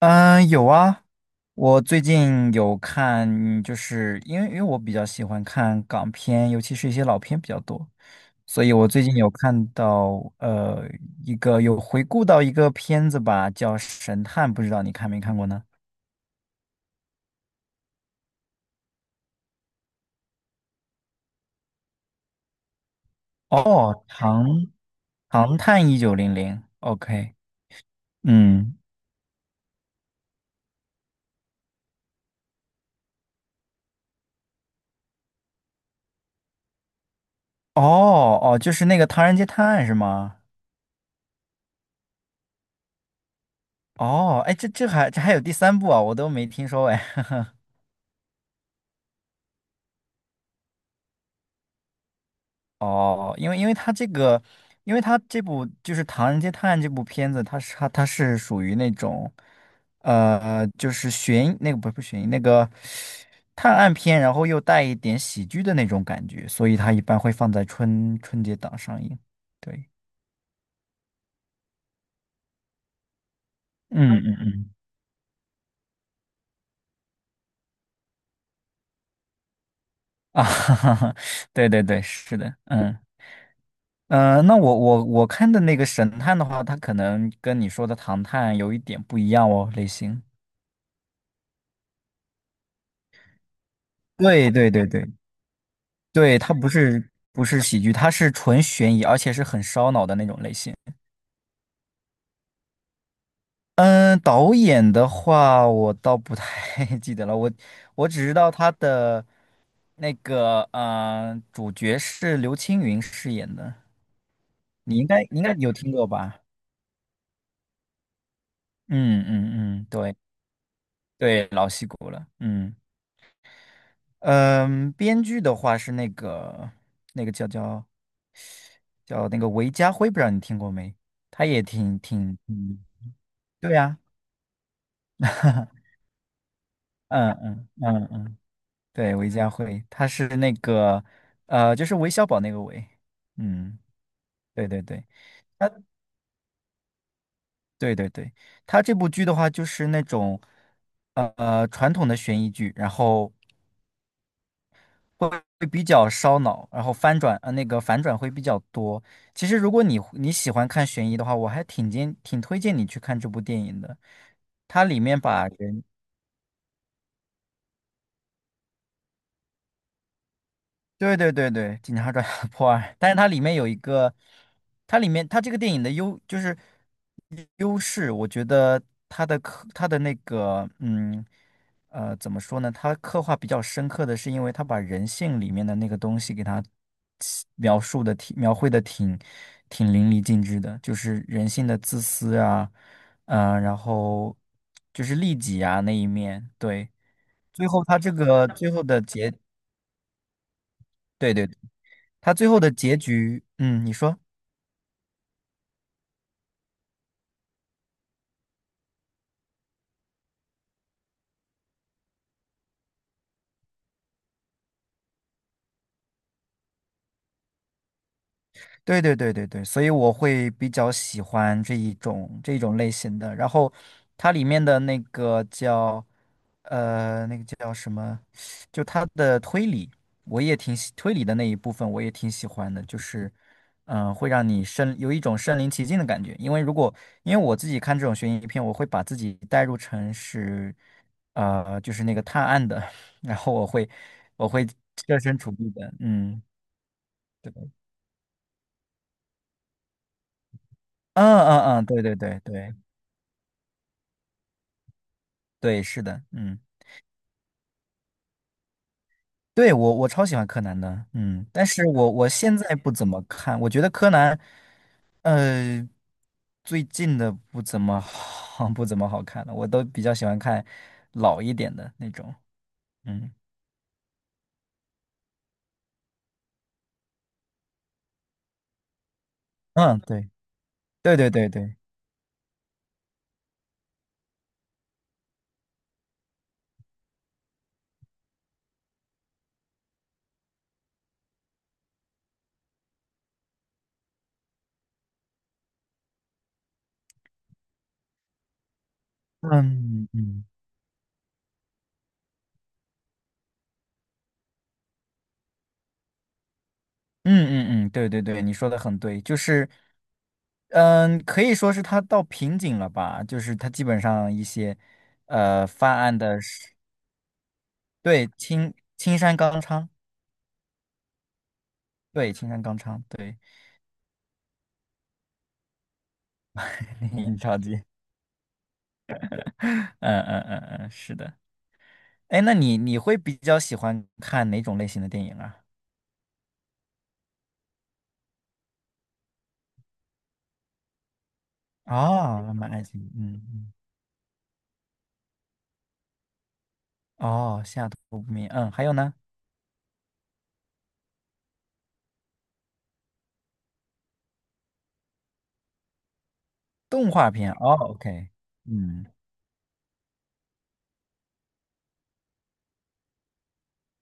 嗯，有啊，我最近有看，就是因为我比较喜欢看港片，尤其是一些老片比较多，所以我最近有看到一个有回顾到一个片子吧，叫《神探》，不知道你看没看过呢？哦，《唐唐探一九零零》，OK，嗯，哦哦，就是那个《唐人街探案》是吗？哦，哎，这还有第三部啊，我都没听说哎，哦，因为他这个，因为他这部就是《唐人街探案》这部片子，它是属于那种，就是悬疑那个不是悬疑那个探案片，然后又带一点喜剧的那种感觉，所以它一般会放在春节档上映。对，嗯嗯嗯，啊，哈哈哈，对对对，是的，嗯。那我看的那个神探的话，它可能跟你说的唐探有一点不一样哦，类型。对对对对对，它不是喜剧，它是纯悬疑，而且是很烧脑的那种类型。嗯，导演的话我倒不太 记得了，我只知道他的那个主角是刘青云饰演的，你应该有听过吧？嗯嗯嗯，对对，老戏骨了。嗯嗯，编剧的话是那个那个叫叫叫那个韦家辉，不知道你听过没？他也挺嗯，对呀、嗯嗯嗯嗯，对，韦家辉，他是那个，就是韦小宝那个韦，嗯，对对对，他对对对，他这部剧的话就是那种，传统的悬疑剧，然后会比较烧脑，然后翻转，那个反转会比较多。其实如果你喜欢看悬疑的话，我还挺建，挺推荐你去看这部电影的，它里面把人对对对对，《警察抓小偷破案，但是它里面有一个，它里面它这个电影的就是优势，我觉得它的那个怎么说呢？它刻画比较深刻的是，因为它把人性里面的那个东西给它起描述的挺描绘的挺挺淋漓尽致的，就是人性的自私啊，然后就是利己啊那一面，对，最后它这个最后的结。对对，它最后的结局，嗯，你说，对对对对对，所以我会比较喜欢这一种类型的。然后它里面的那个那个叫什么，就它的推理，我也挺喜推理的那一部分，我也挺喜欢的，就是会让你有一种身临其境的感觉。因为因为我自己看这种悬疑片，我会把自己带入成是就是那个探案的，然后我会设身处地的，嗯。对吧，嗯嗯嗯，对对对对对，是的，嗯，对我超喜欢柯南的，嗯，但是我现在不怎么看，我觉得柯南，呃，最近的不怎么好，不怎么好看了，我都比较喜欢看老一点的那种，嗯嗯，对对对对对，嗯嗯嗯嗯嗯，对对对，你说的很对，就是。嗯，可以说是他到瓶颈了吧？就是他基本上一些犯案的对，青山刚昌，对，青山刚昌，对，你了解，嗯嗯嗯嗯，是的。哎，那你会比较喜欢看哪种类型的电影啊？哦，浪漫爱情，嗯嗯，哦，下图不明，嗯，还有呢，动画片，哦，OK,嗯，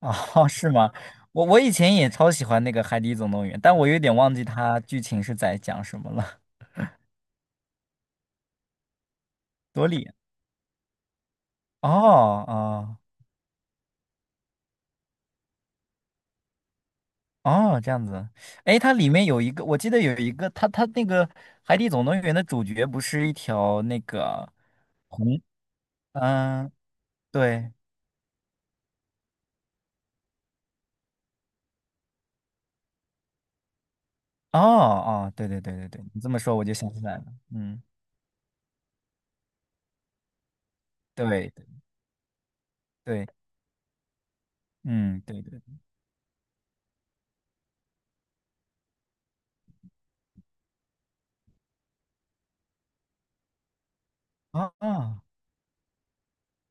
哦，是吗？我以前也超喜欢那个《海底总动员》，但我有点忘记它剧情是在讲什么了。多莉，哦哦哦，这样子，哎，它里面有一个，我记得有一个，它那个《海底总动员》的主角不是一条那个红，嗯，对，哦哦，对对对对对，你这么说我就想起来了，嗯，对对对，嗯，对对，啊啊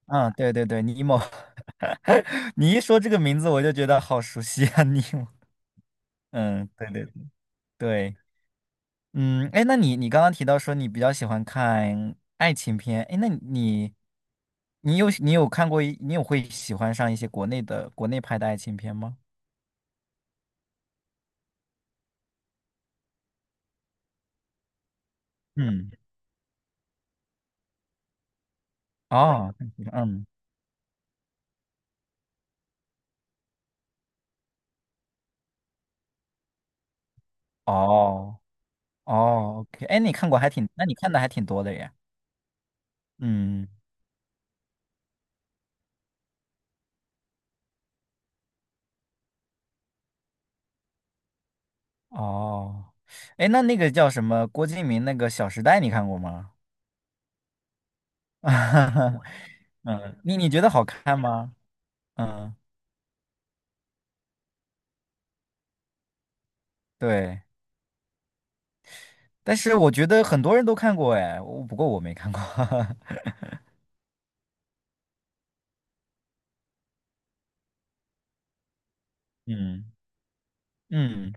啊，对对对，尼莫，你一说这个名字我就觉得好熟悉啊，尼莫，嗯，对对对。嗯，哎，那你你刚刚提到说你比较喜欢看爱情片，哎，那你你有你有看过一你有会喜欢上一些国内拍的爱情片吗？嗯，哦，看喜欢嗯，哦哦哦，OK,哎，你看过还挺，那你看的还挺多的耶。嗯，哦，哎，那个叫什么郭敬明那个《小时代》，你看过吗？嗯，你觉得好看吗？嗯，对。但是我觉得很多人都看过哎，不过我没看过。嗯嗯，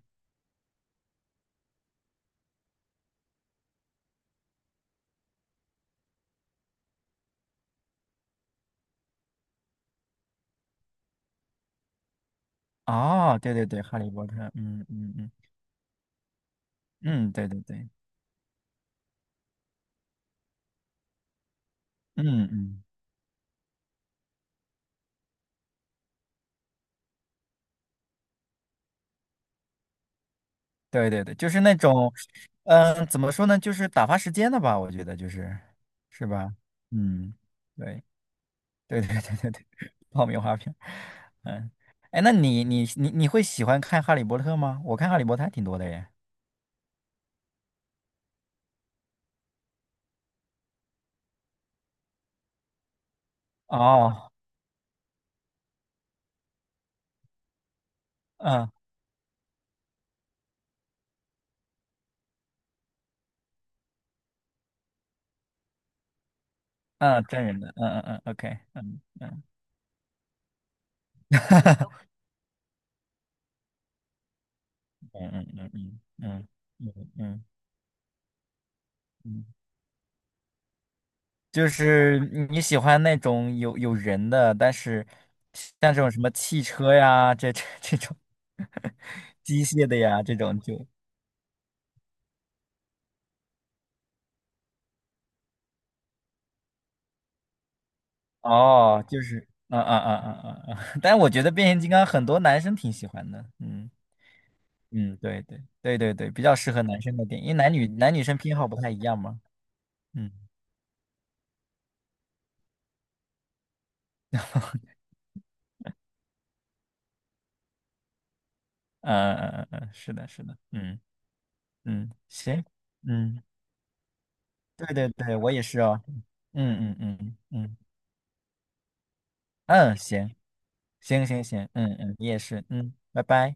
哦，对对对，《哈利波特》，嗯嗯嗯嗯，对对对，嗯嗯，对对对，就是那种，怎么说呢，就是打发时间的吧，我觉得就是，是吧？嗯，对对对对对对，爆米花片，嗯，哎，那你会喜欢看《哈利波特》吗？我看《哈利波特》还挺多的耶。哦，嗯嗯，真人的，嗯嗯嗯，OK,嗯嗯。嗯嗯嗯嗯嗯嗯嗯嗯，就是你喜欢那种有人的，但是像这种什么汽车呀，这种 机械的呀，这种就哦，就是啊啊啊啊啊啊！但我觉得变形金刚很多男生挺喜欢的，嗯嗯，对对对对对，比较适合男生的电影，因为男女生偏好不太一样嘛，嗯嗯嗯嗯嗯，嗯，是的是的，嗯嗯，行，嗯。对对对，我也是哦。嗯嗯嗯嗯嗯，行行行行，嗯嗯，你也是，嗯，拜拜。